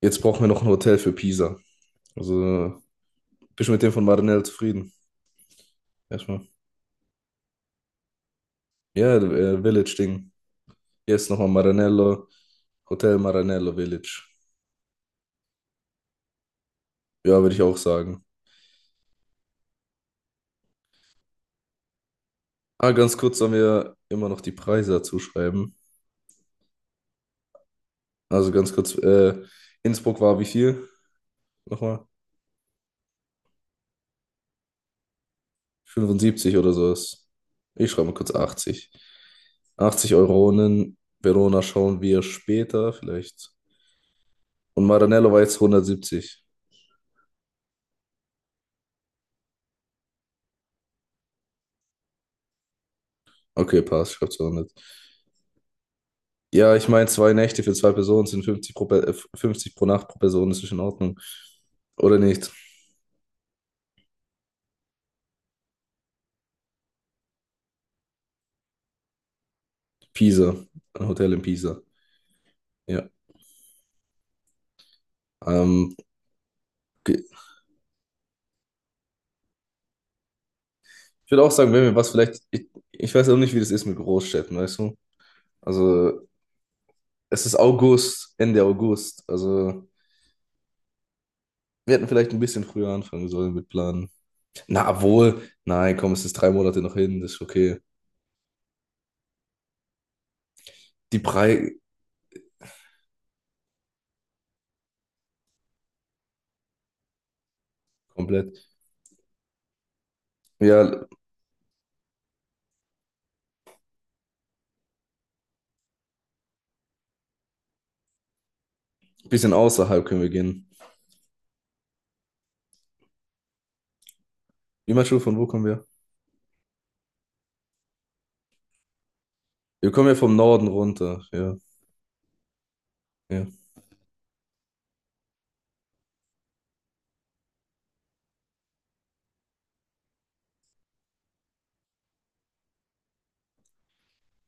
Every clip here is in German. Jetzt brauchen wir noch ein Hotel für Pisa. Also, bist du mit dem von Maranello zufrieden? Erstmal. Ja, Village-Ding. Hier ist nochmal Maranello, Hotel Maranello Village. Ja, würde ich auch sagen. Ah, ganz kurz sollen wir immer noch die Preise dazu schreiben. Also ganz kurz, Innsbruck war wie viel? Nochmal? 75 oder sowas. Ich schreibe mal kurz Achtzig. 80 Euronen. Verona schauen wir später vielleicht. Und Maranello war jetzt hundertsiebzig. Okay, passt, schreibt zu hundert. Ja, ich meine, zwei Nächte für zwei Personen sind 50 pro, 50 pro Nacht pro Person, das ist in Ordnung. Oder nicht? Pisa, ein Hotel in Pisa. Ja. Ähm, ge- ich würde auch sagen, wenn wir was vielleicht, ich weiß auch nicht, wie das ist mit Großstädten, weißt du? Also, es ist August, Ende August. Also, wir hätten vielleicht ein bisschen früher anfangen sollen mit Planen. Na, wohl, nein, komm, es ist drei Monate noch hin, das ist okay. Die Preise, komplett. Ja, ein bisschen außerhalb können wir gehen. Wie meinst du, von wo kommen wir? Wir kommen ja vom Norden runter, ja, ja.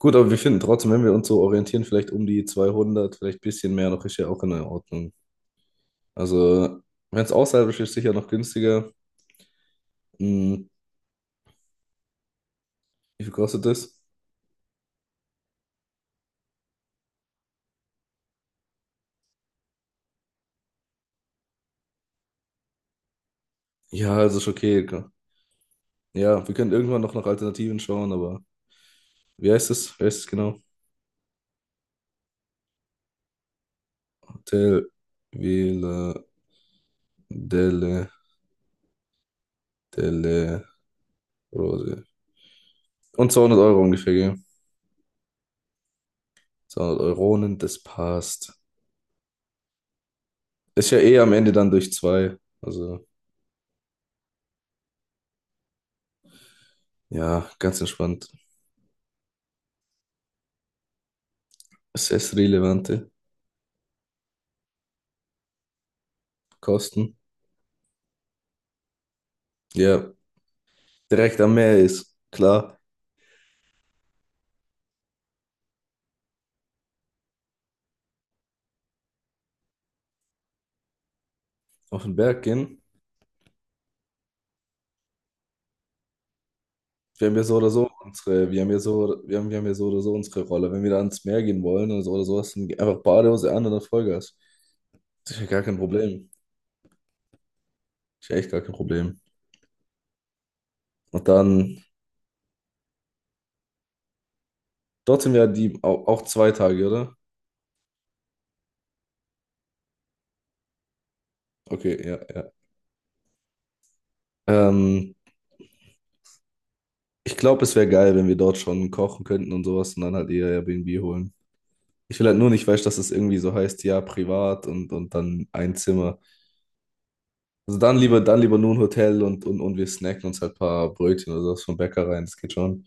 Gut, aber wir finden trotzdem, wenn wir uns so orientieren, vielleicht um die 200, vielleicht ein bisschen mehr noch, ist ja auch in Ordnung. Also, wenn es außerhalb ist, ist sicher noch günstiger. Hm, wie viel kostet das? Ja, also ist okay. Ja, wir können irgendwann noch nach Alternativen schauen, aber wie heißt es? Wie heißt es genau? Hotel Villa delle, delle Rose. Und 200 Euro ungefähr, gell? 200 Euronen, das passt. Ist ja eh am Ende dann durch zwei. Also. Ja, ganz entspannt. Assess-relevante Kosten. Ja, direkt am Meer ist klar. Auf den Berg gehen. Wir haben ja so oder so unsere Rolle. Wenn wir da ans Meer gehen wollen oder so, hast du einfach Badehose an und dann Vollgas. Das ist ja gar kein Problem. Das ist ja echt gar kein Problem. Und dann, dort sind wir ja die auch zwei Tage, oder? Okay, ja, ja. Ähm, ich glaube, es wäre geil, wenn wir dort schon kochen könnten und sowas und dann halt eher Airbnb holen. Ich will halt nur nicht, weißt, dass es irgendwie so heißt, ja, privat und dann ein Zimmer. Also dann lieber nur ein Hotel und wir snacken uns halt ein paar Brötchen oder sowas vom Bäcker rein, das geht schon.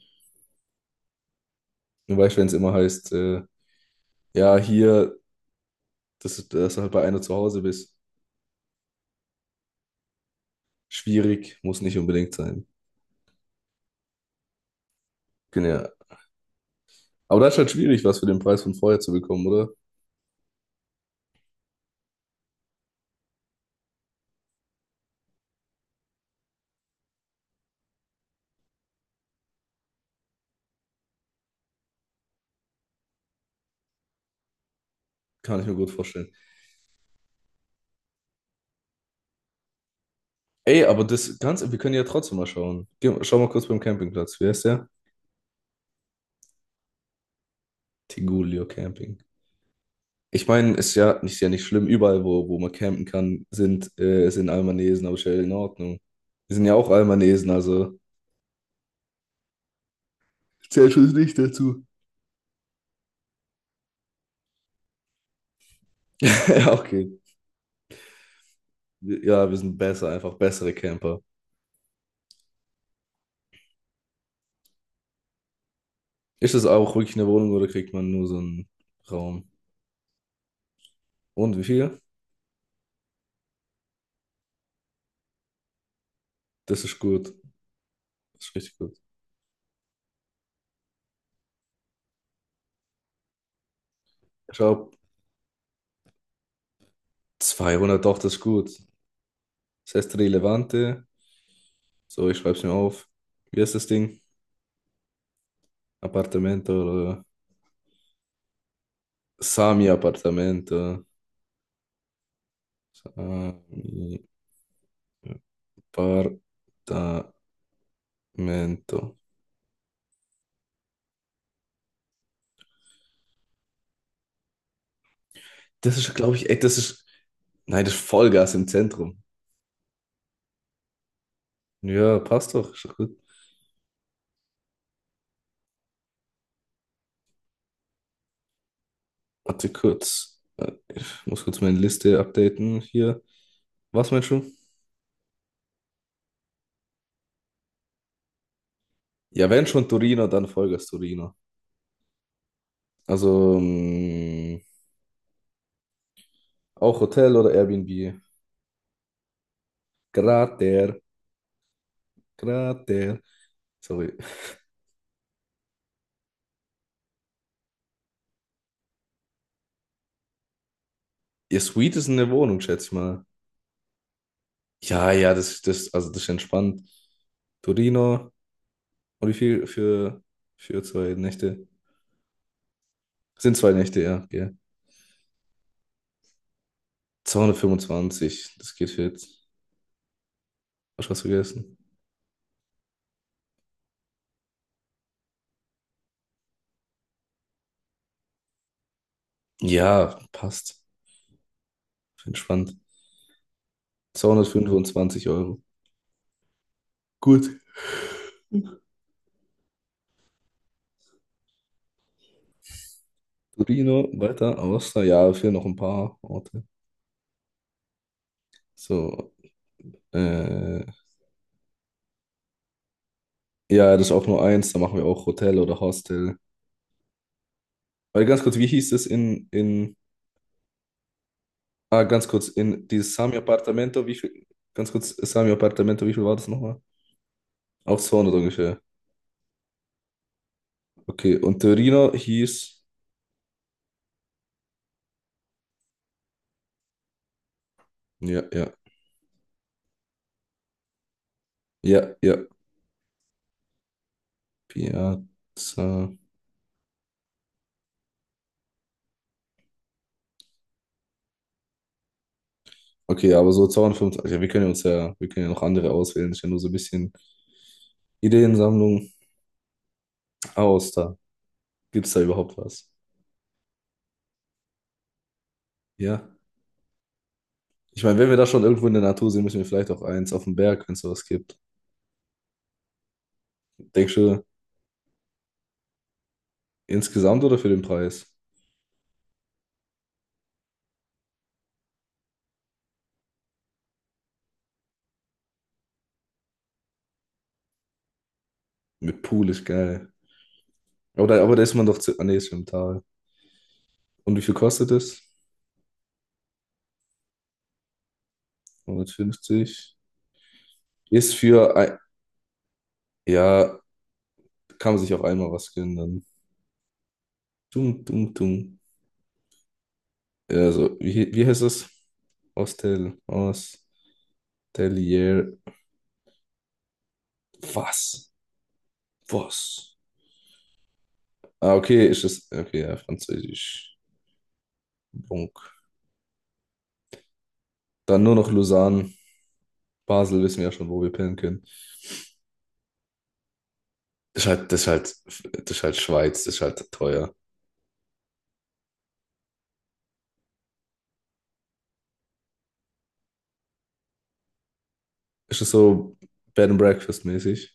Nur weißt, wenn es immer heißt, ja, hier, dass du halt bei einer zu Hause bist, schwierig, muss nicht unbedingt sein. Genau. Aber das ist halt schwierig, was für den Preis von vorher zu bekommen, oder? Kann ich mir gut vorstellen. Ey, aber das Ganze, wir können ja trotzdem mal schauen. Geh, schau mal kurz beim Campingplatz. Wie heißt der? Tigulio Camping. Ich meine, ist ja nicht schlimm, überall, wo man campen kann, sind Albanesen, aber ist ja in Ordnung. Wir sind ja auch Albanesen, also. Zählt schon nicht dazu. Ja, okay. Ja, wir sind besser, einfach bessere Camper. Ist das auch wirklich eine Wohnung oder kriegt man nur so einen Raum? Und wie viel? Das ist gut. Das ist richtig gut. Ich glaube, 200, doch, das ist gut. Das heißt Relevante. So, ich schreibe es mir auf. Wie heißt das Ding? Appartamento oder Sami Appartamento. Departamento. Das ist, glaube ich, ey, das ist. Nein, das ist Vollgas im Zentrum. Ja, passt doch. Ist doch gut. Warte kurz. Ich muss kurz meine Liste updaten hier. Was meinst du? Ja, wenn schon Torino, dann Vollgas Torino. Also, auch Hotel oder Airbnb. Grater. Grater. Sorry. Ihr Suite ist eine Wohnung, schätze ich mal. Ja, ja, das, also das ist entspannt. Torino. Und wie viel für zwei Nächte? Sind zwei Nächte, ja. Ja, zweihundertfünfundzwanzig, das geht für jetzt. Hast du was vergessen? Ja, passt. Entspannt. Zweihundertfünfundzwanzig Euro. Gut. Torino, weiter, Aosta, ja, fehlen noch ein paar Orte. So, äh, ja, das ist auch nur eins, da machen wir auch Hotel oder Hostel. Weil ganz kurz, wie hieß es in, ah, ganz kurz, in dieses Sami Appartamento, wie viel, ganz kurz, Sami Appartamento, wie viel war das nochmal? Auch 200 ungefähr. Okay, und Torino hieß, ja, ja, ja, ja, Piazza. Okay, aber so 225. Ja, wir können ja noch andere auswählen. Ist ja nur so ein bisschen Ideensammlung aus da. Gibt es da überhaupt was? Ja. Ich meine, wenn wir da schon irgendwo in der Natur sind, müssen wir vielleicht auch eins auf dem Berg, wenn es sowas gibt. Denkst du, insgesamt oder für den Preis? Mit Pool ist geil. Aber da ist man doch zu. Ah, nee, ist im Tal. Und wie viel kostet es? Hundertfünfzig. Ist für ein, ja, kann man sich auch einmal was gönnen dann. Dumm, dumm, dumm. Also, wie heißt das? Hostel, Hostelier. Was? Was? Ah, okay, ist es. Okay, ja, Französisch. Bunk. Dann nur noch Lausanne. Basel wissen wir ja schon, wo wir pennen können. Das ist halt, das ist halt, das ist halt Schweiz, das ist halt teuer. Ist es so Bed and Breakfast mäßig?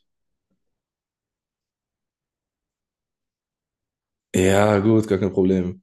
Ja, gut, gar kein Problem.